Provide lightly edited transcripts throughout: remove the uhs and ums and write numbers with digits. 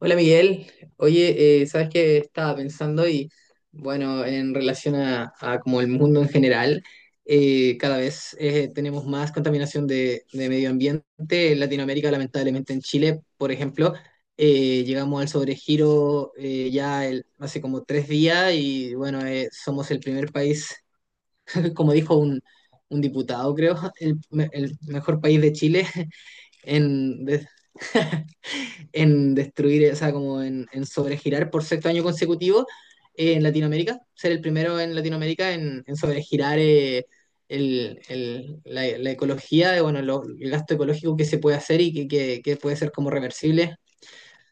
Hola, Miguel. Oye, sabes, que estaba pensando y bueno, en relación a como el mundo en general, cada vez tenemos más contaminación de medio ambiente. En Latinoamérica, lamentablemente, en Chile, por ejemplo, llegamos al sobregiro ya hace como tres días y bueno, somos el primer país, como dijo un diputado, creo, el mejor país de Chile en, en destruir, o sea, como en sobregirar por sexto año consecutivo en Latinoamérica, ser el primero en Latinoamérica en sobregirar la ecología, bueno, el gasto ecológico que se puede hacer y que puede ser como reversible.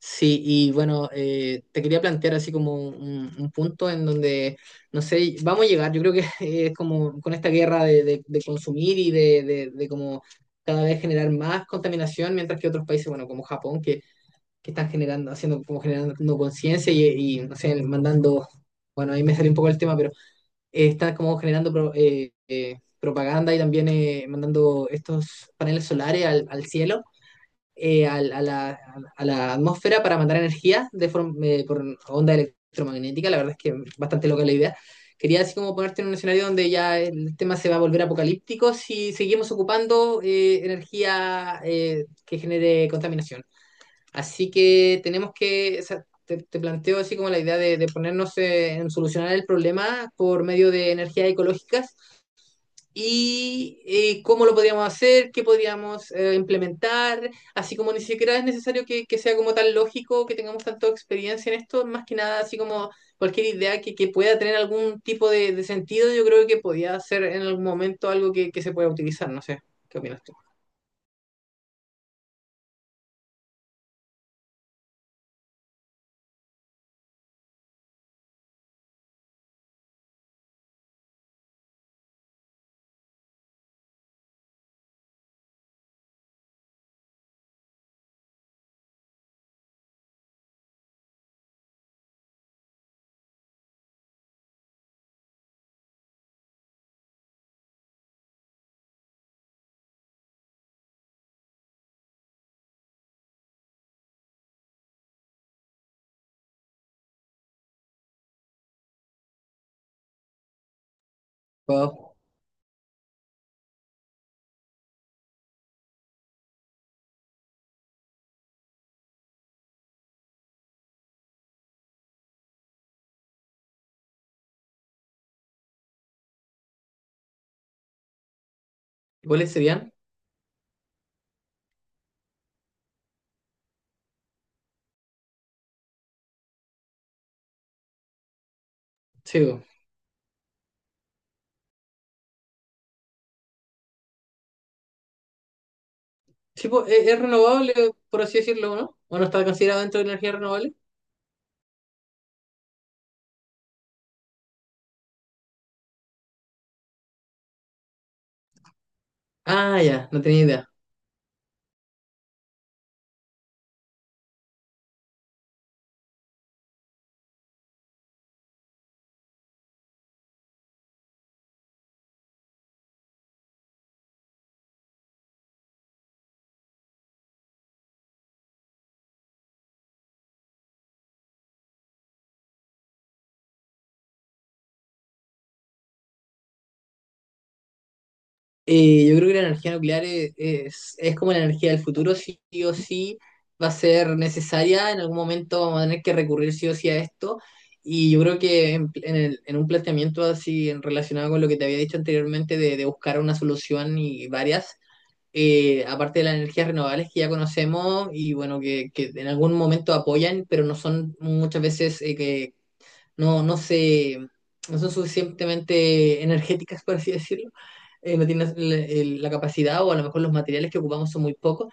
Sí, y bueno, te quería plantear así como un punto en donde, no sé, vamos a llegar, yo creo que es como con esta guerra de consumir y de como cada vez generar más contaminación, mientras que otros países, bueno, como Japón, que están generando, haciendo como generando conciencia y, no sé, mandando, bueno, ahí me salió un poco el tema, pero están como generando propaganda y también mandando estos paneles solares al cielo, eh, al- a, la, a la atmósfera para mandar energía de forma, por onda electromagnética. La verdad es que bastante loca la idea. Quería así como ponerte en un escenario donde ya el tema se va a volver apocalíptico si seguimos ocupando energía que genere contaminación. Así que tenemos que, o sea, te planteo así como la idea de ponernos en solucionar el problema por medio de energías ecológicas y cómo lo podríamos hacer, qué podríamos implementar, así como ni siquiera es necesario que sea como tan lógico, que tengamos tanta experiencia en esto, más que nada así como cualquier idea que pueda tener algún tipo de sentido. Yo creo que podría ser en algún momento algo que se pueda utilizar, no sé, ¿qué opinas tú? Wow. ¿Cuáles serían? Sí. Sí, po, es renovable, por así decirlo, ¿no? ¿O no está considerado dentro de la energía renovable? Ah, ya, no tenía idea. Yo creo que la energía nuclear es como la energía del futuro, sí o sí va a ser necesaria. En algún momento vamos a tener que recurrir sí o sí a esto, y yo creo que en un planteamiento así relacionado con lo que te había dicho anteriormente de buscar una solución y varias, aparte de las energías renovables que ya conocemos y bueno, que en algún momento apoyan, pero no son muchas veces que no, no son suficientemente energéticas, por así decirlo. No tienen la capacidad o a lo mejor los materiales que ocupamos son muy pocos.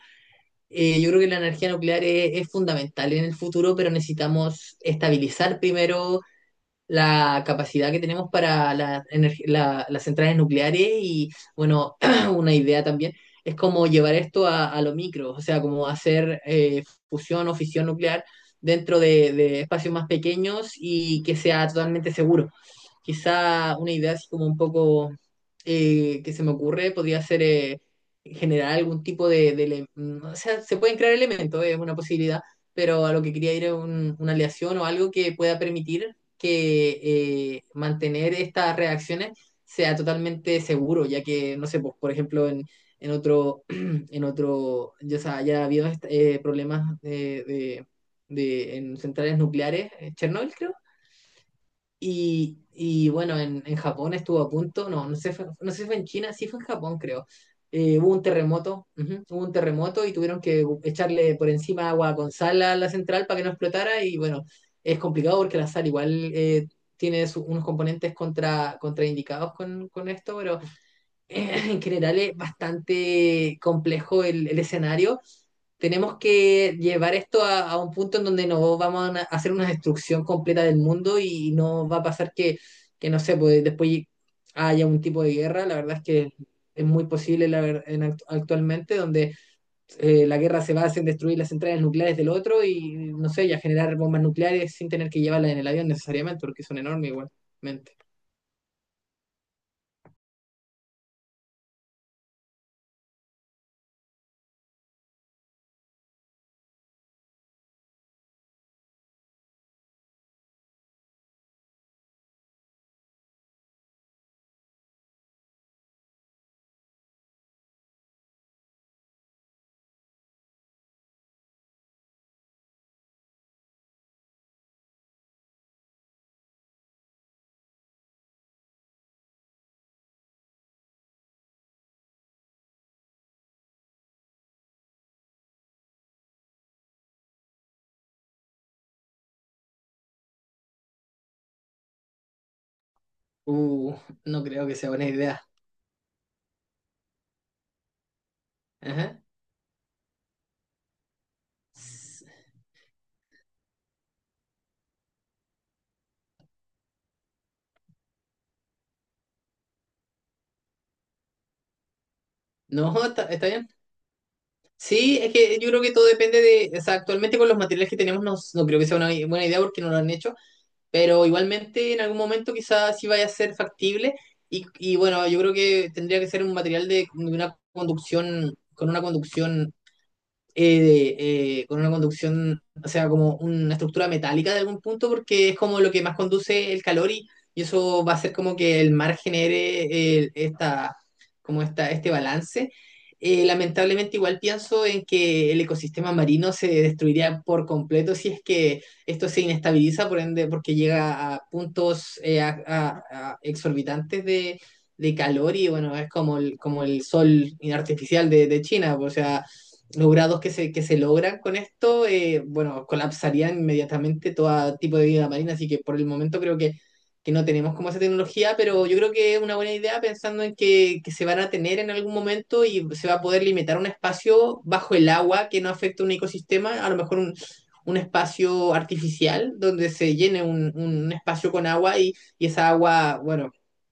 Yo creo que la energía nuclear es fundamental en el futuro, pero necesitamos estabilizar primero la capacidad que tenemos para las centrales nucleares y bueno, una idea también es como llevar esto a lo micro, o sea, como hacer fusión o fisión nuclear dentro de espacios más pequeños y que sea totalmente seguro. Quizá una idea así como un poco que se me ocurre podría ser generar algún tipo o sea, se pueden crear elementos, es una posibilidad, pero a lo que quería ir es una aleación o algo que pueda permitir que mantener estas reacciones sea totalmente seguro, ya que, no sé, pues, por ejemplo, en otro, ya, ya ha habido problemas de, en centrales nucleares. Eh, Chernobyl, creo, y bueno, en Japón estuvo a punto, no, no sé, no sé si fue en China, sí fue en Japón, creo. Hubo un terremoto, ujú, hubo un terremoto y tuvieron que echarle por encima agua con sal a la central para que no explotara. Y bueno, es complicado porque la sal igual tiene unos componentes contra, contraindicados con esto, pero en general es bastante complejo el escenario. Tenemos que llevar esto a un punto en donde no vamos a a hacer una destrucción completa del mundo y no va a pasar que no sé, pues después haya un tipo de guerra. La verdad es que es muy posible la ver- en act- actualmente, donde la guerra se basa en destruir las centrales nucleares del otro y, no sé, ya generar bombas nucleares sin tener que llevarlas en el avión necesariamente, porque son enormes igualmente. Uh, no creo que sea buena idea. Ajá. No, está, está bien. Sí, es que yo creo que todo depende de, o sea, actualmente con los materiales que tenemos no, no creo que sea una buena idea porque no lo han hecho, pero igualmente en algún momento quizás sí vaya a ser factible y bueno, yo creo que tendría que ser un material de una conducción, con una conducción con una conducción, o sea, como una estructura metálica de algún punto, porque es como lo que más conduce el calor y eso va a hacer como que el mar genere esta, este balance. Lamentablemente igual pienso en que el ecosistema marino se destruiría por completo si es que esto se inestabiliza, por ende, porque llega a puntos a exorbitantes de calor. Y bueno, es como el sol artificial de China. O sea, los grados que se logran con esto, bueno, colapsarían inmediatamente todo tipo de vida marina, así que por el momento creo que no tenemos como esa tecnología, pero yo creo que es una buena idea, pensando en que se van a tener en algún momento y se va a poder limitar un espacio bajo el agua que no afecte un ecosistema, a lo mejor un espacio artificial donde se llene un espacio con agua, y esa agua, bueno,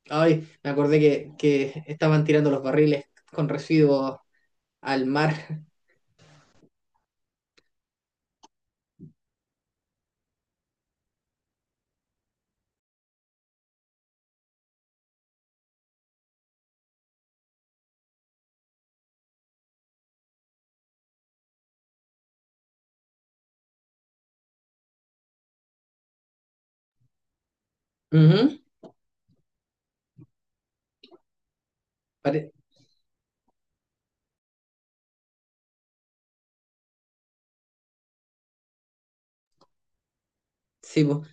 ay, me acordé que estaban tirando los barriles con residuos al mar. Ujú. Pare- sí, po,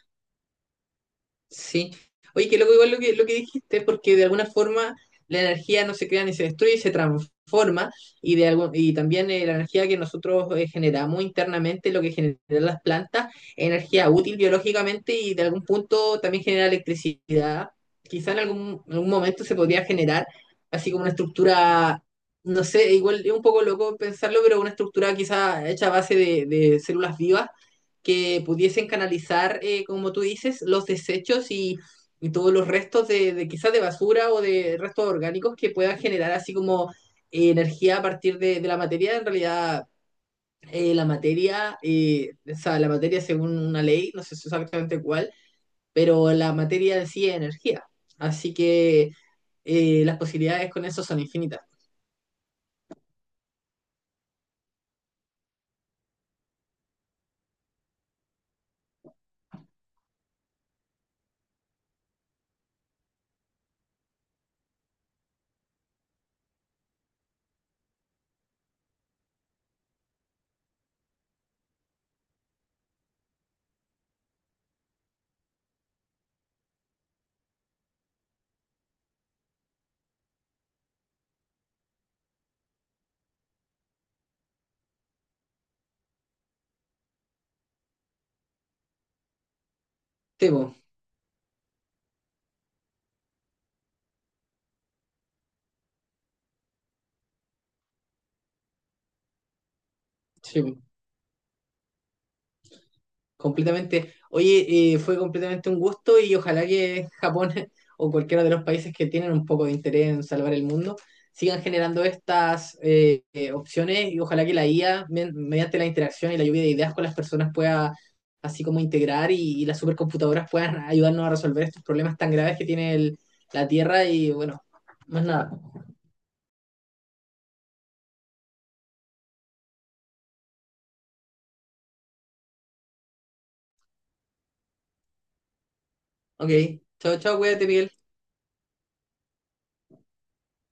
sí. Oye, qué loco igual lo lo que dijiste, porque de alguna forma la energía no se crea ni se destruye, se transforma, y, de algún, y también la energía que nosotros generamos internamente, lo que generan las plantas, energía útil biológicamente y de algún punto también genera electricidad. Quizá en algún momento se podría generar así como una estructura, no sé, igual es un poco loco pensarlo, pero una estructura quizá hecha a base de células vivas que pudiesen canalizar, como tú dices, los desechos y todos los restos de quizás de basura o de restos orgánicos que puedan generar así como energía a partir de la materia. En realidad, la materia, o sea, la materia, según una ley, no sé exactamente cuál, pero la materia en sí es energía. Así que las posibilidades con eso son infinitas. Temo, sí. Completamente. Oye, fue completamente un gusto, y ojalá que Japón o cualquiera de los países que tienen un poco de interés en salvar el mundo sigan generando estas opciones, y ojalá que la IA, mediante la interacción y la lluvia de ideas con las personas, pueda así como integrar y las supercomputadoras puedan ayudarnos a resolver estos problemas tan graves que tiene la Tierra, y bueno, más nada. Ok, chao, chao, cuídate, Miguel.